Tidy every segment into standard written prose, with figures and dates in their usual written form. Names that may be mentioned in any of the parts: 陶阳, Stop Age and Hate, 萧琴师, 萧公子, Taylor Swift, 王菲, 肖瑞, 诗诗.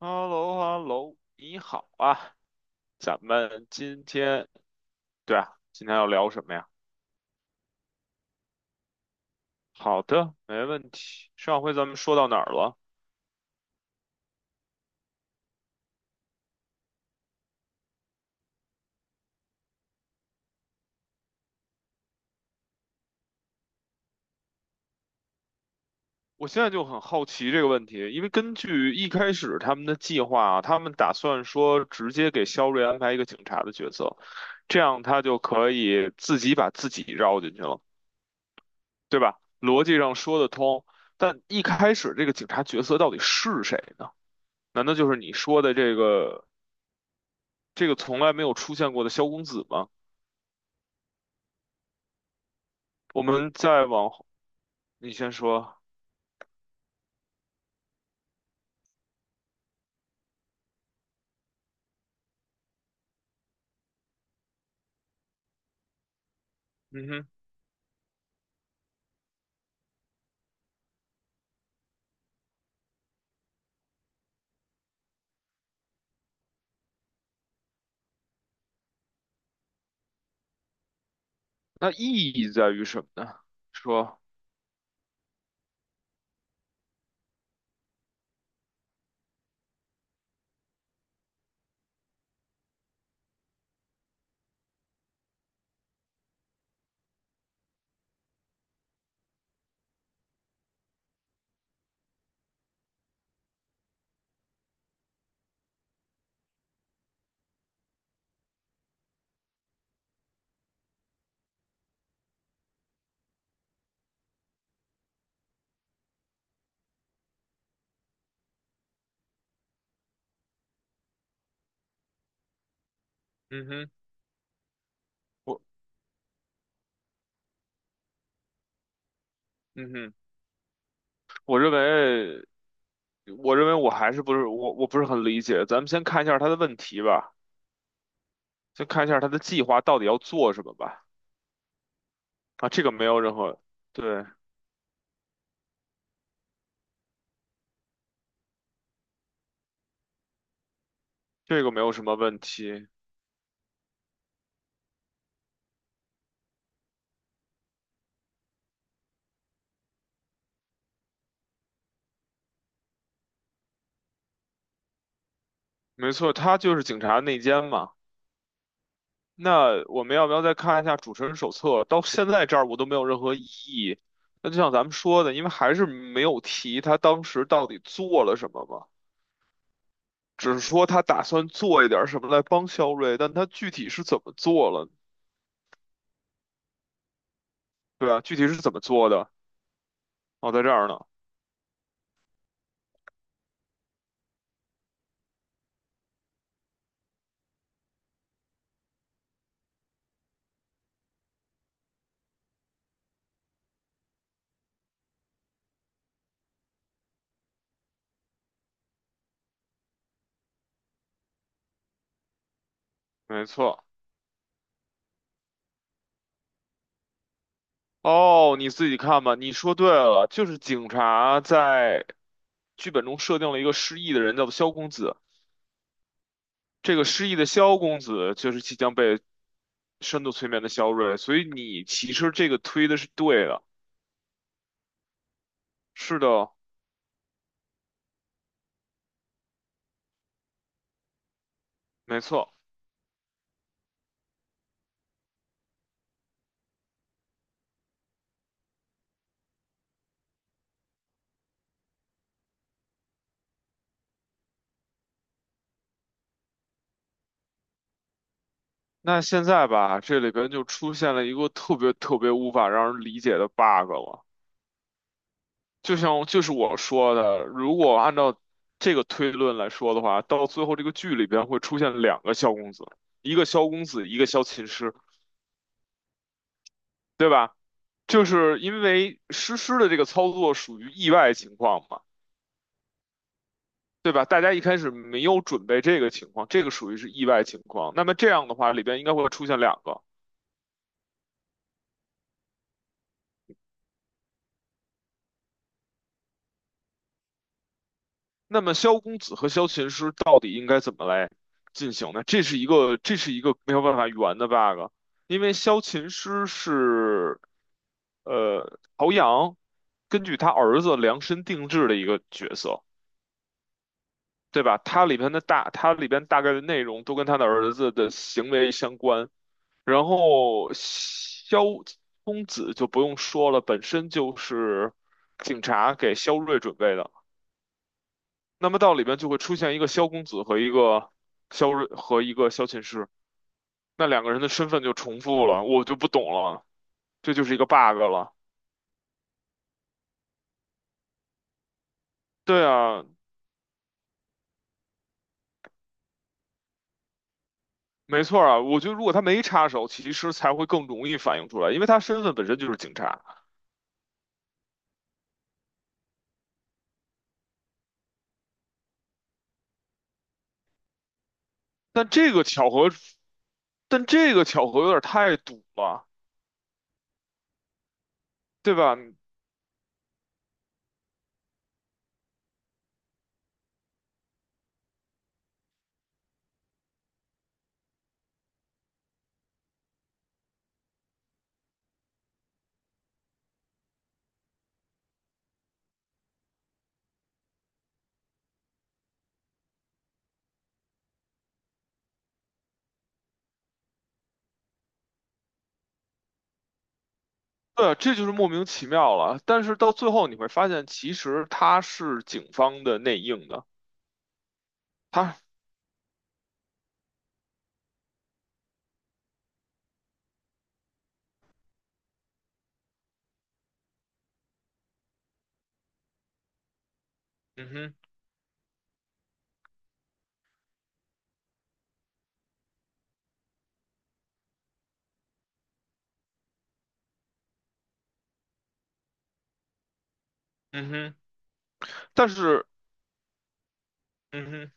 h e l l o h e l l o 你好啊，咱们今天，对啊，今天要聊什么呀？好的，没问题。上回咱们说到哪儿了？我现在就很好奇这个问题，因为根据一开始他们的计划啊，他们打算说直接给肖瑞安排一个警察的角色，这样他就可以自己把自己绕进去了，对吧？逻辑上说得通，但一开始这个警察角色到底是谁呢？难道就是你说的这个？这个从来没有出现过的萧公子吗？我们再往后，你先说，嗯哼，那意义在于什么呢？说，嗯哼，我，嗯哼，我认为，我认为我还是不是我，我不是很理解。咱们先看一下他的问题吧，先看一下他的计划到底要做什么吧。啊，这个没有任何，对，这个没有什么问题，没错，他就是警察内奸嘛。那我们要不要再看一下主持人手册？到现在这儿我都没有任何异议。那就像咱们说的，因为还是没有提他当时到底做了什么嘛，只是说他打算做一点儿什么来帮肖瑞，但他具体是怎么做了？对啊，具体是怎么做的？哦，在这儿呢，没错。哦，你自己看吧。你说对了，就是警察在剧本中设定了一个失忆的人，叫做肖公子。这个失忆的萧公子就是即将被深度催眠的萧睿，所以你其实这个推的是对的，是的，没错。那现在吧，这里边就出现了一个特别特别无法让人理解的 bug 了。就像就是我说的，如果按照这个推论来说的话，到最后这个剧里边会出现两个萧公子，一个萧公子，一个萧琴师，对吧？就是因为诗诗的这个操作属于意外情况嘛。对吧？大家一开始没有准备这个情况，这个属于是意外情况。那么这样的话，里边应该会出现两个。那么萧公子和萧琴师到底应该怎么来进行呢？这是一个，这是一个没有办法圆的 bug,因为萧琴师是陶阳根据他儿子量身定制的一个角色，对吧？他里边的大，他里边大概的内容都跟他的儿子的行为相关。然后萧公子就不用说了，本身就是警察给萧睿准备的。那么到里边就会出现一个萧公子和一个萧睿和一个萧琴师，那两个人的身份就重复了，我就不懂了，这就是一个 bug 了。对啊，没错啊，我觉得如果他没插手，其实才会更容易反映出来，因为他身份本身就是警察。但这个巧合，但这个巧合有点太堵了，对吧？对啊，这就是莫名其妙了。但是到最后你会发现，其实他是警方的内应的。他，嗯哼，嗯哼，但是，嗯哼，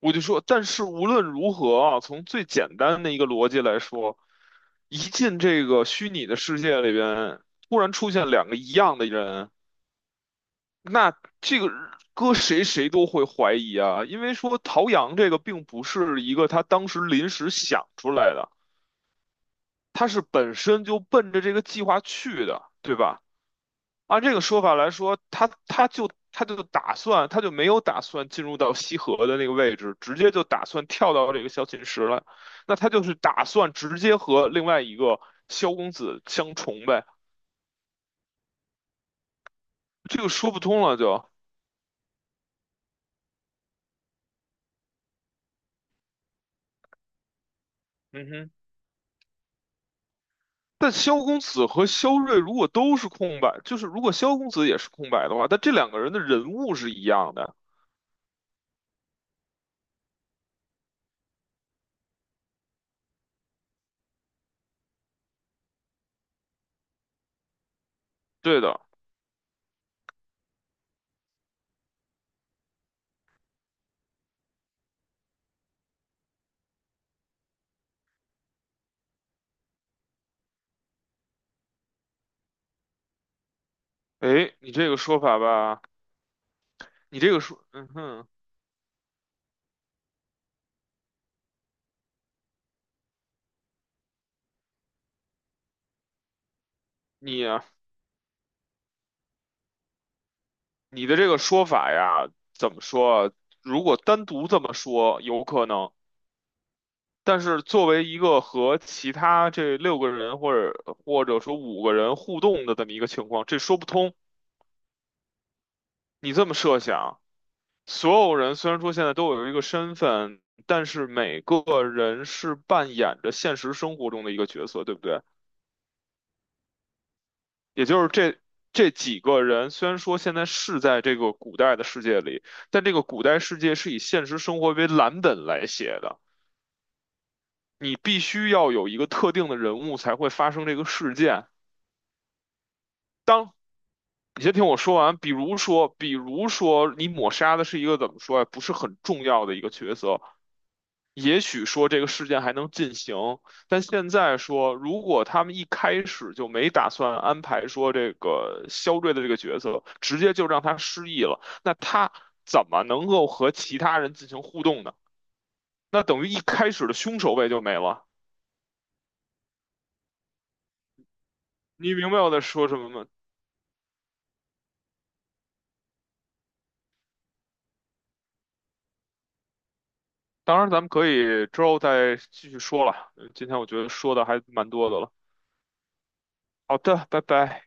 我就说，但是无论如何啊，从最简单的一个逻辑来说，一进这个虚拟的世界里边，突然出现两个一样的人，那这个搁谁谁都会怀疑啊，因为说陶阳这个并不是一个他当时临时想出来的。他是本身就奔着这个计划去的，对吧？按这个说法来说，他就没有打算进入到西河的那个位置，直接就打算跳到这个萧琴石了。那他就是打算直接和另外一个萧公子相重呗，这个说不通了就。嗯哼。但萧公子和萧睿如果都是空白，就是如果萧公子也是空白的话，但这两个人的人物是一样的。对的，哎，你这个说法吧，你这个说，嗯哼。你你的这个说法呀,怎么说啊?如果单独这么说，有可能。但是作为一个和其他这六个人或者或者说五个人互动的这么一个情况，这说不通。你这么设想，所有人虽然说现在都有一个身份，但是每个人是扮演着现实生活中的一个角色，对不对？也就是这几个人,虽然说现在是在这个古代的世界里，但这个古代世界是以现实生活为蓝本来写的。你必须要有一个特定的人物才会发生这个事件。当你先听我说完，比如说，比如说你抹杀的是一个怎么说呀、啊不是很重要的一个角色，也许说这个事件还能进行，但现在说，如果他们一开始就没打算安排说这个肖瑞的这个角色，直接就让他失忆了，那他怎么能够和其他人进行互动呢？那等于一开始的凶手位就没了。你明白我在说什么吗？当然，咱们可以之后再继续说了。今天我觉得说的还蛮多的了。好的，拜拜。